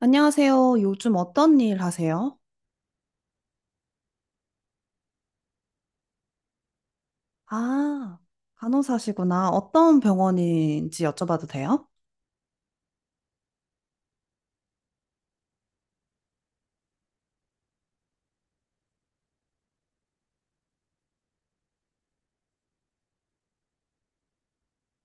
안녕하세요. 요즘 어떤 일 하세요? 아, 간호사시구나. 어떤 병원인지 여쭤봐도 돼요?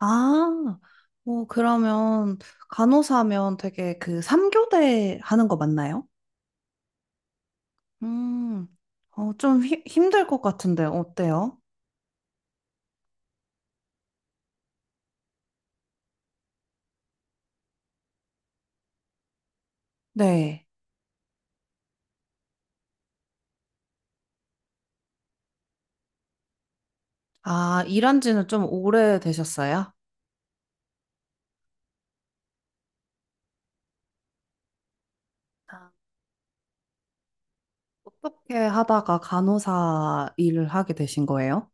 아, 뭐, 그러면 간호사면 되게 그 삼교대 하는 거 맞나요? 음, 좀 힘들 것 같은데, 어때요? 네. 아, 일한 지는 좀 오래 되셨어요? 아, 어떻게 하다가 간호사 일을 하게 되신 거예요?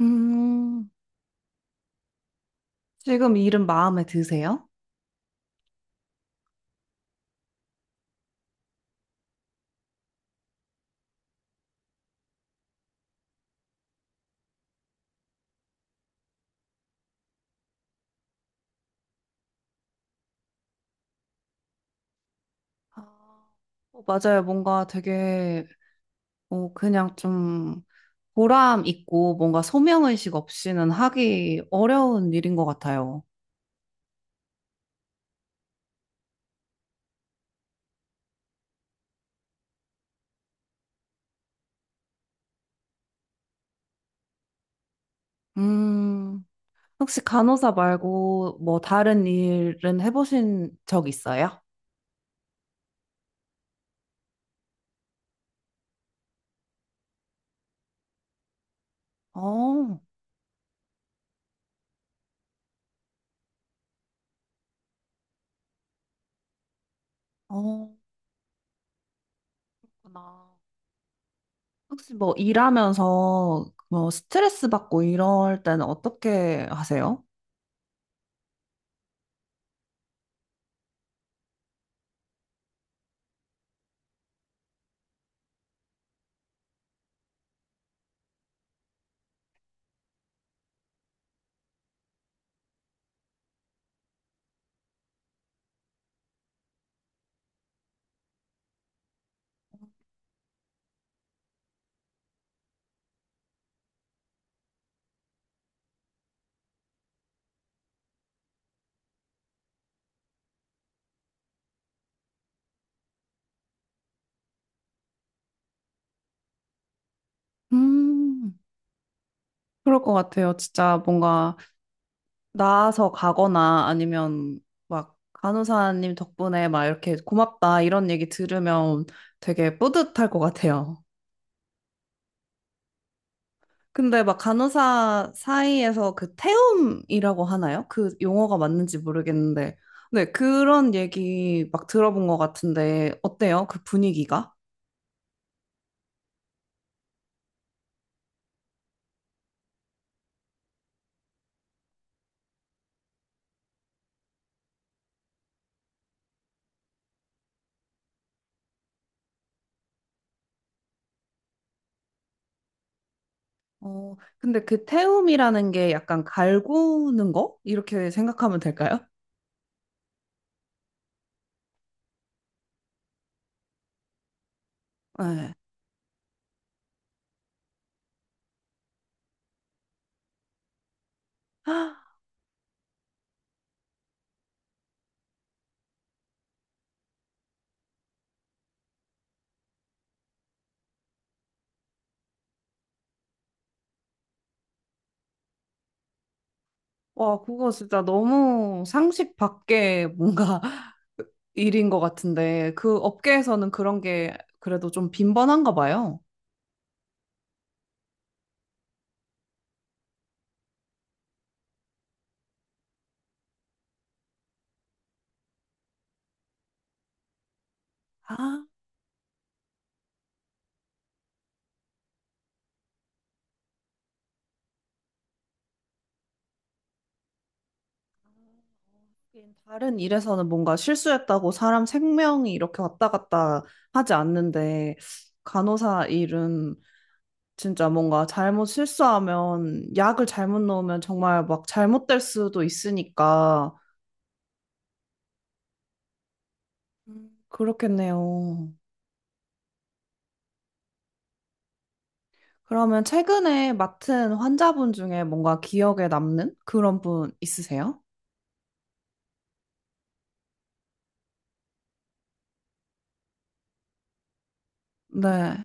음, 지금 일은 마음에 드세요? 아, 맞아요. 뭔가 되게 그냥 좀 보람 있고 뭔가 소명의식 없이는 하기 어려운 일인 것 같아요. 음, 혹시 간호사 말고 뭐 다른 일은 해보신 적 있어요? 어, 어, 그렇구나. 혹시 뭐 일하면서 뭐 스트레스 받고 이럴 때는 어떻게 하세요? 음, 그럴 것 같아요. 진짜 뭔가 나아서 가거나 아니면 막 간호사님 덕분에 막 이렇게 고맙다 이런 얘기 들으면 되게 뿌듯할 것 같아요. 근데 막 간호사 사이에서 그 태움이라고 하나요? 그 용어가 맞는지 모르겠는데. 네, 그런 얘기 막 들어본 것 같은데 어때요? 그 분위기가? 근데 그 태움이라는 게 약간 갈구는 거? 이렇게 생각하면 될까요? 네. 와, 그거 진짜 너무 상식 밖에 뭔가 일인 것 같은데, 그 업계에서는 그런 게 그래도 좀 빈번한가 봐요. 아, 하긴 다른 일에서는 뭔가 실수했다고 사람 생명이 이렇게 왔다 갔다 하지 않는데, 간호사 일은 진짜 뭔가 잘못 실수하면, 약을 잘못 넣으면 정말 막 잘못될 수도 있으니까, 그렇겠네요. 그러면 최근에 맡은 환자분 중에 뭔가 기억에 남는 그런 분 있으세요? 네.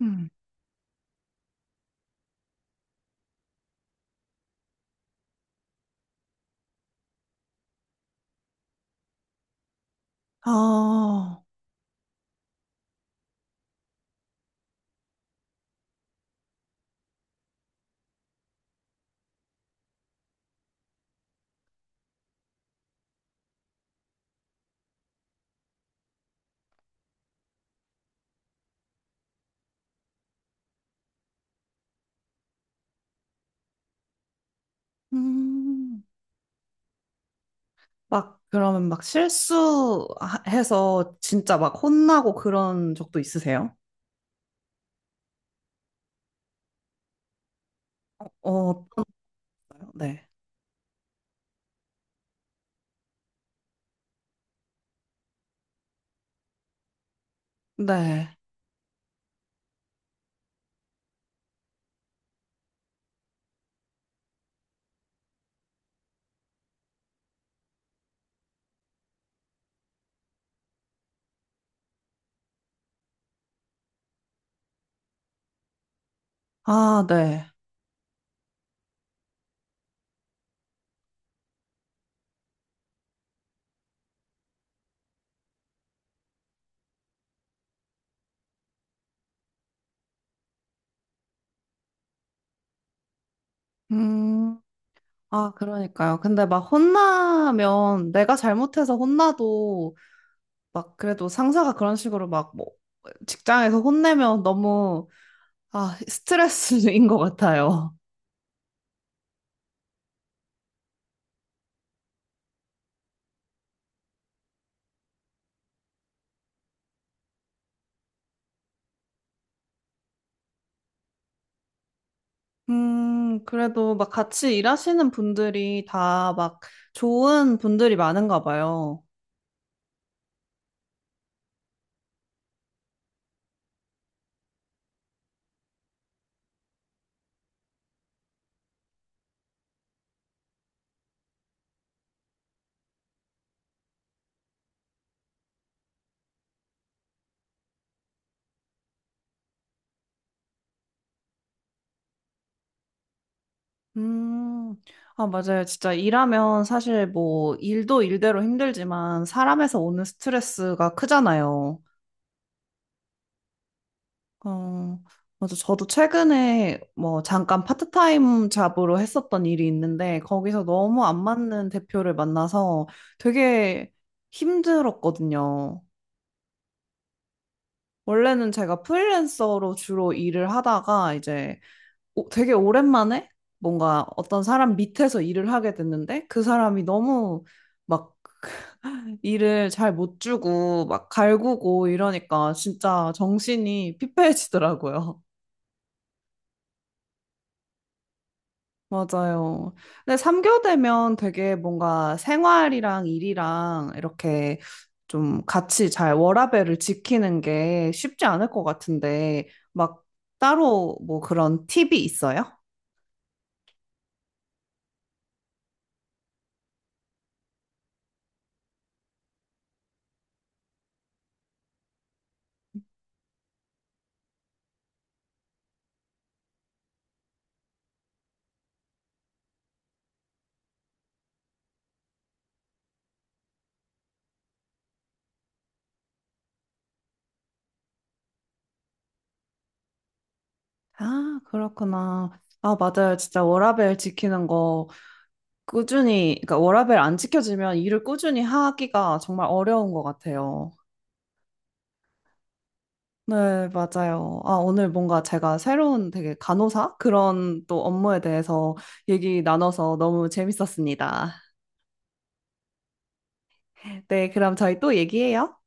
음. 아, 음. 막, 그러면 막 실수해서 진짜 막 혼나고 그런 적도 있으세요? 어, 네. 네. 아, 네. 음. 아, 그러니까요. 근데 막 혼나면 내가 잘못해서 혼나도 막 그래도 상사가 그런 식으로 막 뭐 직장에서 혼내면 너무 아, 스트레스인 것 같아요. 그래도 막 같이 일하시는 분들이 다 막 좋은 분들이 많은가 봐요. 음, 아, 맞아요. 진짜 일하면 사실 뭐 일도 일대로 힘들지만 사람에서 오는 스트레스가 크잖아요. 어, 맞아. 저도 최근에 뭐 잠깐 파트타임 잡으로 했었던 일이 있는데 거기서 너무 안 맞는 대표를 만나서 되게 힘들었거든요. 원래는 제가 프리랜서로 주로 일을 하다가 이제 되게 오랜만에 뭔가 어떤 사람 밑에서 일을 하게 됐는데 그 사람이 너무 막 일을 잘 못 주고 막 갈구고 이러니까 진짜 정신이 피폐해지더라고요. 맞아요. 근데 3교되면 되게 뭔가 생활이랑 일이랑 이렇게 좀 같이 잘 워라밸을 지키는 게 쉽지 않을 것 같은데, 막 따로 뭐 그런 팁이 있어요? 아, 그렇구나. 아, 맞아요. 진짜 워라밸 지키는 거 꾸준히, 그러니까 워라밸 안 지켜지면 일을 꾸준히 하기가 정말 어려운 것 같아요. 네, 맞아요. 아, 오늘 뭔가 제가 새로운 되게 간호사? 그런 또 업무에 대해서 얘기 나눠서 너무 재밌었습니다. 네, 그럼 저희 또 얘기해요.